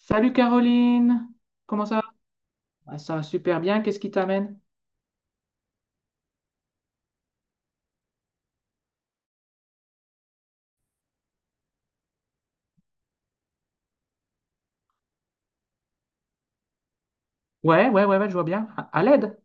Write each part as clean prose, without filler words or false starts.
Salut Caroline, comment ça va? Ah, ça va super bien, qu'est-ce qui t'amène? Ouais, ouais, ouais, ouais, je vois bien. À l'aide,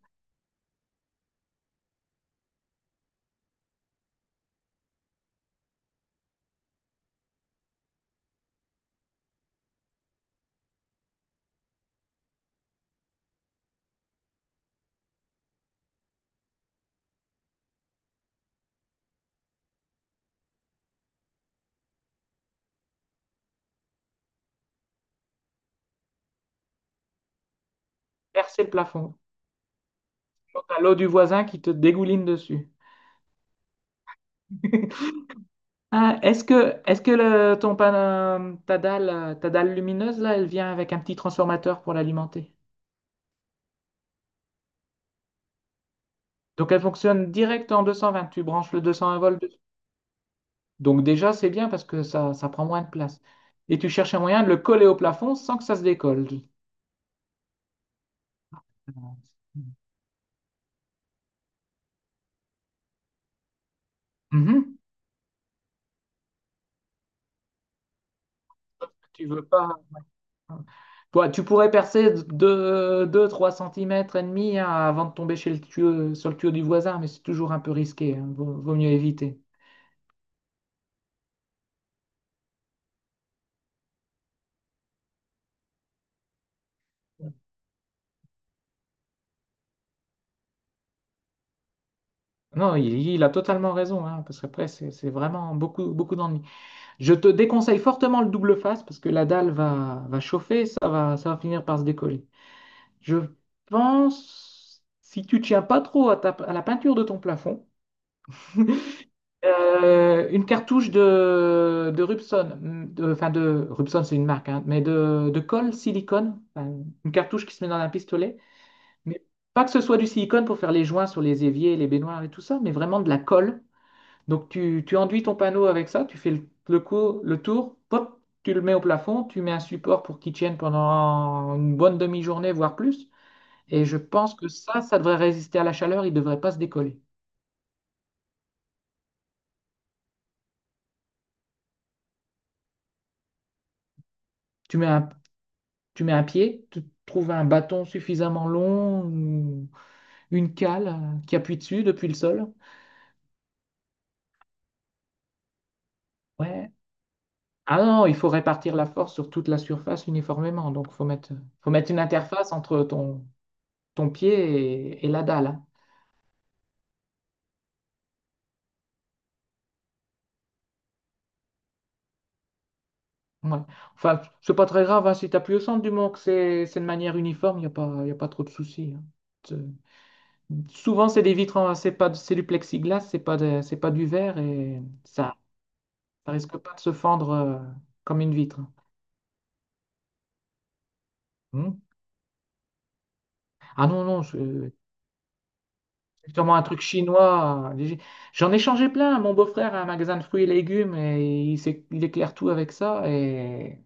percer le plafond. Donc, t'as l'eau du voisin qui te dégouline dessus. Ah, est-ce que le- ton pan- ta dalle lumineuse, là, elle vient avec un petit transformateur pour l'alimenter? Donc elle fonctionne direct en 220, tu branches le 201 volts dessus. Donc déjà, c'est bien parce que ça prend moins de place. Et tu cherches un moyen de le coller au plafond sans que ça se décolle. Mhm. Tu veux pas. Toi, tu pourrais percer deux, trois cm et demi hein, avant de tomber chez le tuyau, sur le tuyau du voisin, mais c'est toujours un peu risqué, hein. Vaut mieux éviter. Non, il a totalement raison, hein, parce qu'après, c'est vraiment beaucoup, beaucoup d'ennuis. Je te déconseille fortement le double face, parce que la dalle va chauffer, ça va finir par se décoller. Je pense, si tu tiens pas trop à, à la peinture de ton plafond, une cartouche de Rubson, enfin de Rubson c'est une marque, hein, mais de colle silicone, enfin, une cartouche qui se met dans un pistolet, mais pas que ce soit du silicone pour faire les joints sur les éviers, les baignoires et tout ça, mais vraiment de la colle. Donc tu enduis ton panneau avec ça, tu fais le tour, pop, tu le mets au plafond, tu mets un support pour qu'il tienne pendant une bonne demi-journée, voire plus, et je pense que ça devrait résister à la chaleur, il ne devrait pas se décoller. Tu mets un, Tu mets un pied, tu trouves un bâton suffisamment long, ou une cale qui appuie dessus depuis le sol. Ouais. Ah non, il faut répartir la force sur toute la surface uniformément. Donc, faut mettre une interface entre ton, ton pied et la dalle, hein. Ouais. Enfin, c'est pas très grave hein, si tu appuies au centre du moment que c'est de manière uniforme, il n'y a pas, y a pas trop de soucis, hein. C'est- Souvent, c'est des vitres, en- c'est pas, c'est du plexiglas, c'est pas, de- c'est pas du verre et ça risque pas de se fendre comme une vitre, hein. Hmm. Ah non, non, c'est sûrement un truc chinois, léger. J'en ai changé plein. Mon beau-frère a un magasin de fruits et légumes et il éclaire tout avec ça et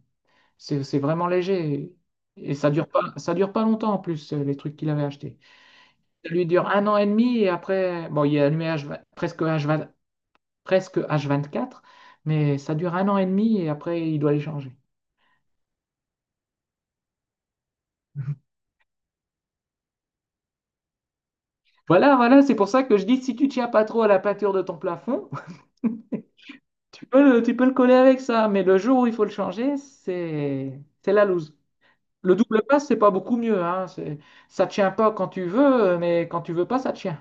c'est vraiment léger. Et ça dure pas longtemps en plus, les trucs qu'il avait achetés. Ça lui dure un an et demi et après, bon, il est allumé H20 presque H24, mais ça dure un an et demi et après, il doit les changer. Voilà, voilà, c'est pour ça que je dis, si tu tiens pas trop à la peinture de ton plafond, Tu peux le coller avec ça, mais le jour où il faut le changer, c'est la loose. Le double passe, c'est pas beaucoup mieux, hein. Ça tient pas quand tu veux, mais quand tu veux pas, ça tient.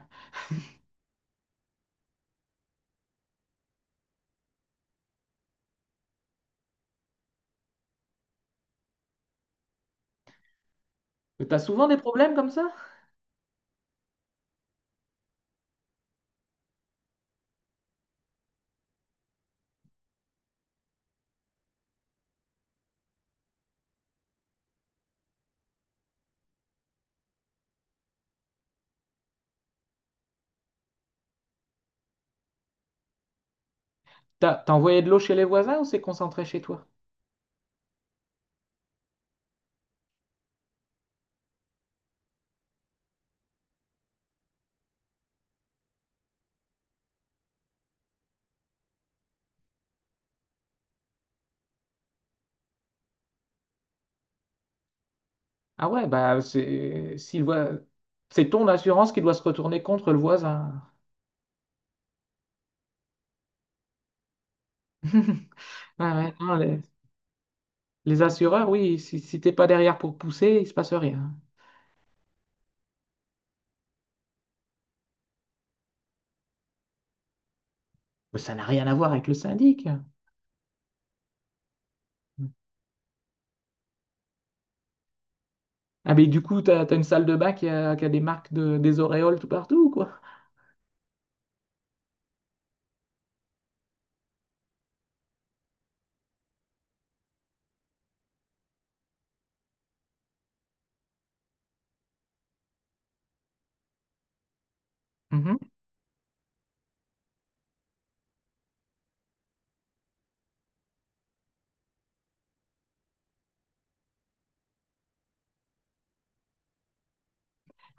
Mais t'as souvent des problèmes comme ça? T'as envoyé de l'eau chez les voisins ou c'est concentré chez toi? Ah ouais, bah c'est ton assurance qui doit se retourner contre le voisin. Ouais, ouais, non, les assureurs, oui, si t'es pas derrière pour pousser, il se passe rien. Mais ça n'a rien à voir avec le syndic. Ah, mais du coup, t'as une salle de bain qui a des marques des auréoles tout partout ou quoi? Mhm.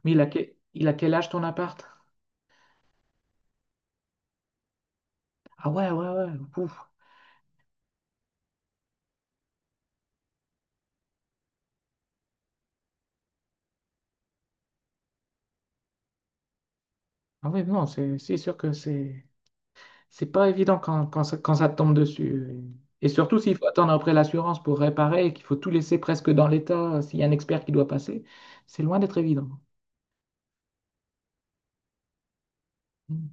Mais il a quel âge ton appart? Ah ouais, ouais, ouais. Pouf. Ah ouais, non, c'est sûr que c'est pas évident quand ça te tombe dessus. Et surtout s'il faut attendre après l'assurance pour réparer et qu'il faut tout laisser presque dans l'état, s'il y a un expert qui doit passer, c'est loin d'être évident. Mhm.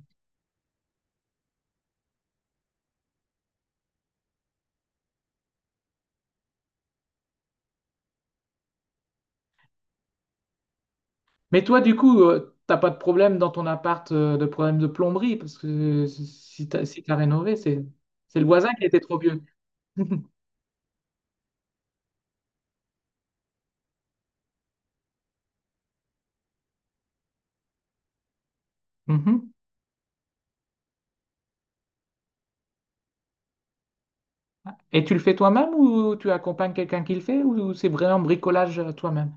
Mais toi, du coup, t'as pas de problème dans ton appart de problème de plomberie parce que si t'as rénové, c'est le voisin qui était trop vieux. Et tu le fais toi-même ou tu accompagnes quelqu'un qui le fait ou c'est vraiment bricolage toi-même?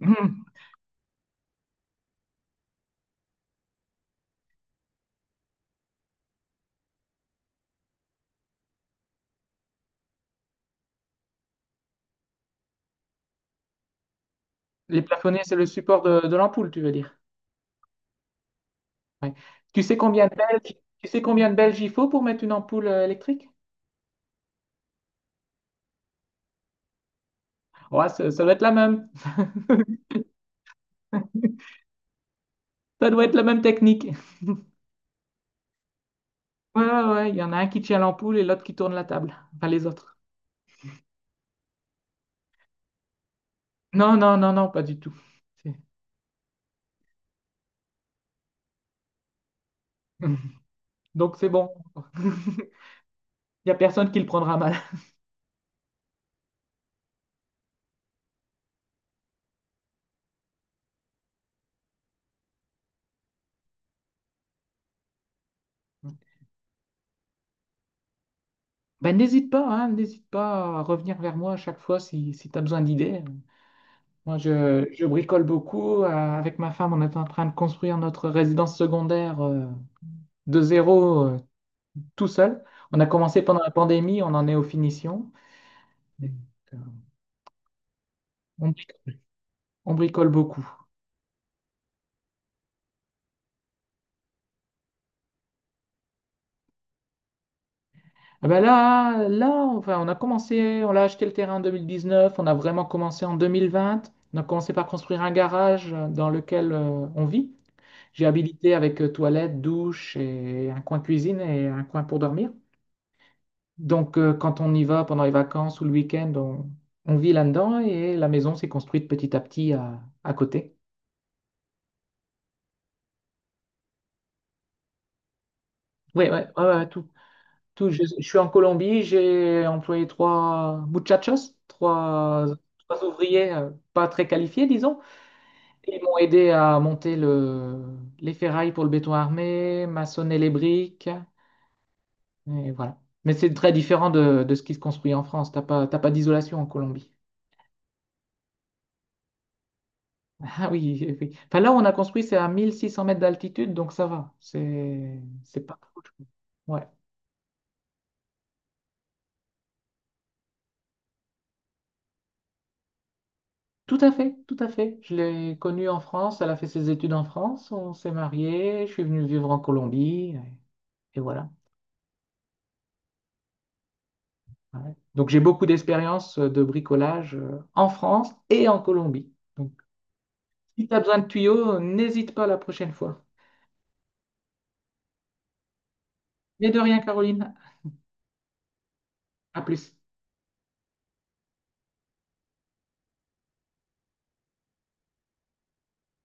Mhm. Les plafonnets, c'est le support de l'ampoule, tu veux dire. Ouais. Tu sais combien de Belges il faut pour mettre une ampoule électrique? Ouais, ça doit être la même. Ça doit être la même technique. Ouais, ouais, ouais, il y en a un qui tient l'ampoule et l'autre qui tourne la table. Enfin, les autres. Non, non, non, non, pas du tout. C'est- Donc c'est bon. Il n'y a personne qui le prendra mal. Ben, n'hésite pas, hein, n'hésite pas à revenir vers moi à chaque fois si tu as besoin d'idées. Moi, je bricole beaucoup. Avec ma femme, on est en train de construire notre résidence secondaire de zéro tout seul. On a commencé pendant la pandémie, on en est aux finitions. Donc, euh, on, on bricole beaucoup. Ah ben là, là, enfin, on a acheté le terrain en 2019, on a vraiment commencé en 2020. On a commencé par construire un garage dans lequel on vit. J'ai habilité avec toilette, douche et un coin cuisine et un coin pour dormir. Donc, quand on y va pendant les vacances ou le week-end, on vit là-dedans et la maison s'est construite petit à petit à côté. Oui, ouais, ouais, ouais, ouais, tout, tout. Je suis en Colombie, j'ai employé trois muchachos, trois ouvriers pas très qualifiés, disons. Ils m'ont aidé à monter les ferrailles pour le béton armé, maçonner les briques, et voilà. Mais c'est très différent de ce qui se construit en France. T'as pas d'isolation en Colombie. Ah oui, oui. Enfin, là, où on a construit, c'est à 1 600 mètres d'altitude, donc ça va. C'est pas trop chaud. Ouais, tout à fait, tout à fait. Je l'ai connue en France, elle a fait ses études en France, on s'est mariés, je suis venu vivre en Colombie, et voilà. Ouais. Donc, j'ai beaucoup d'expérience de bricolage en France et en Colombie. Donc, si tu as besoin de tuyaux, n'hésite pas la prochaine fois. Mais de rien, Caroline, à plus.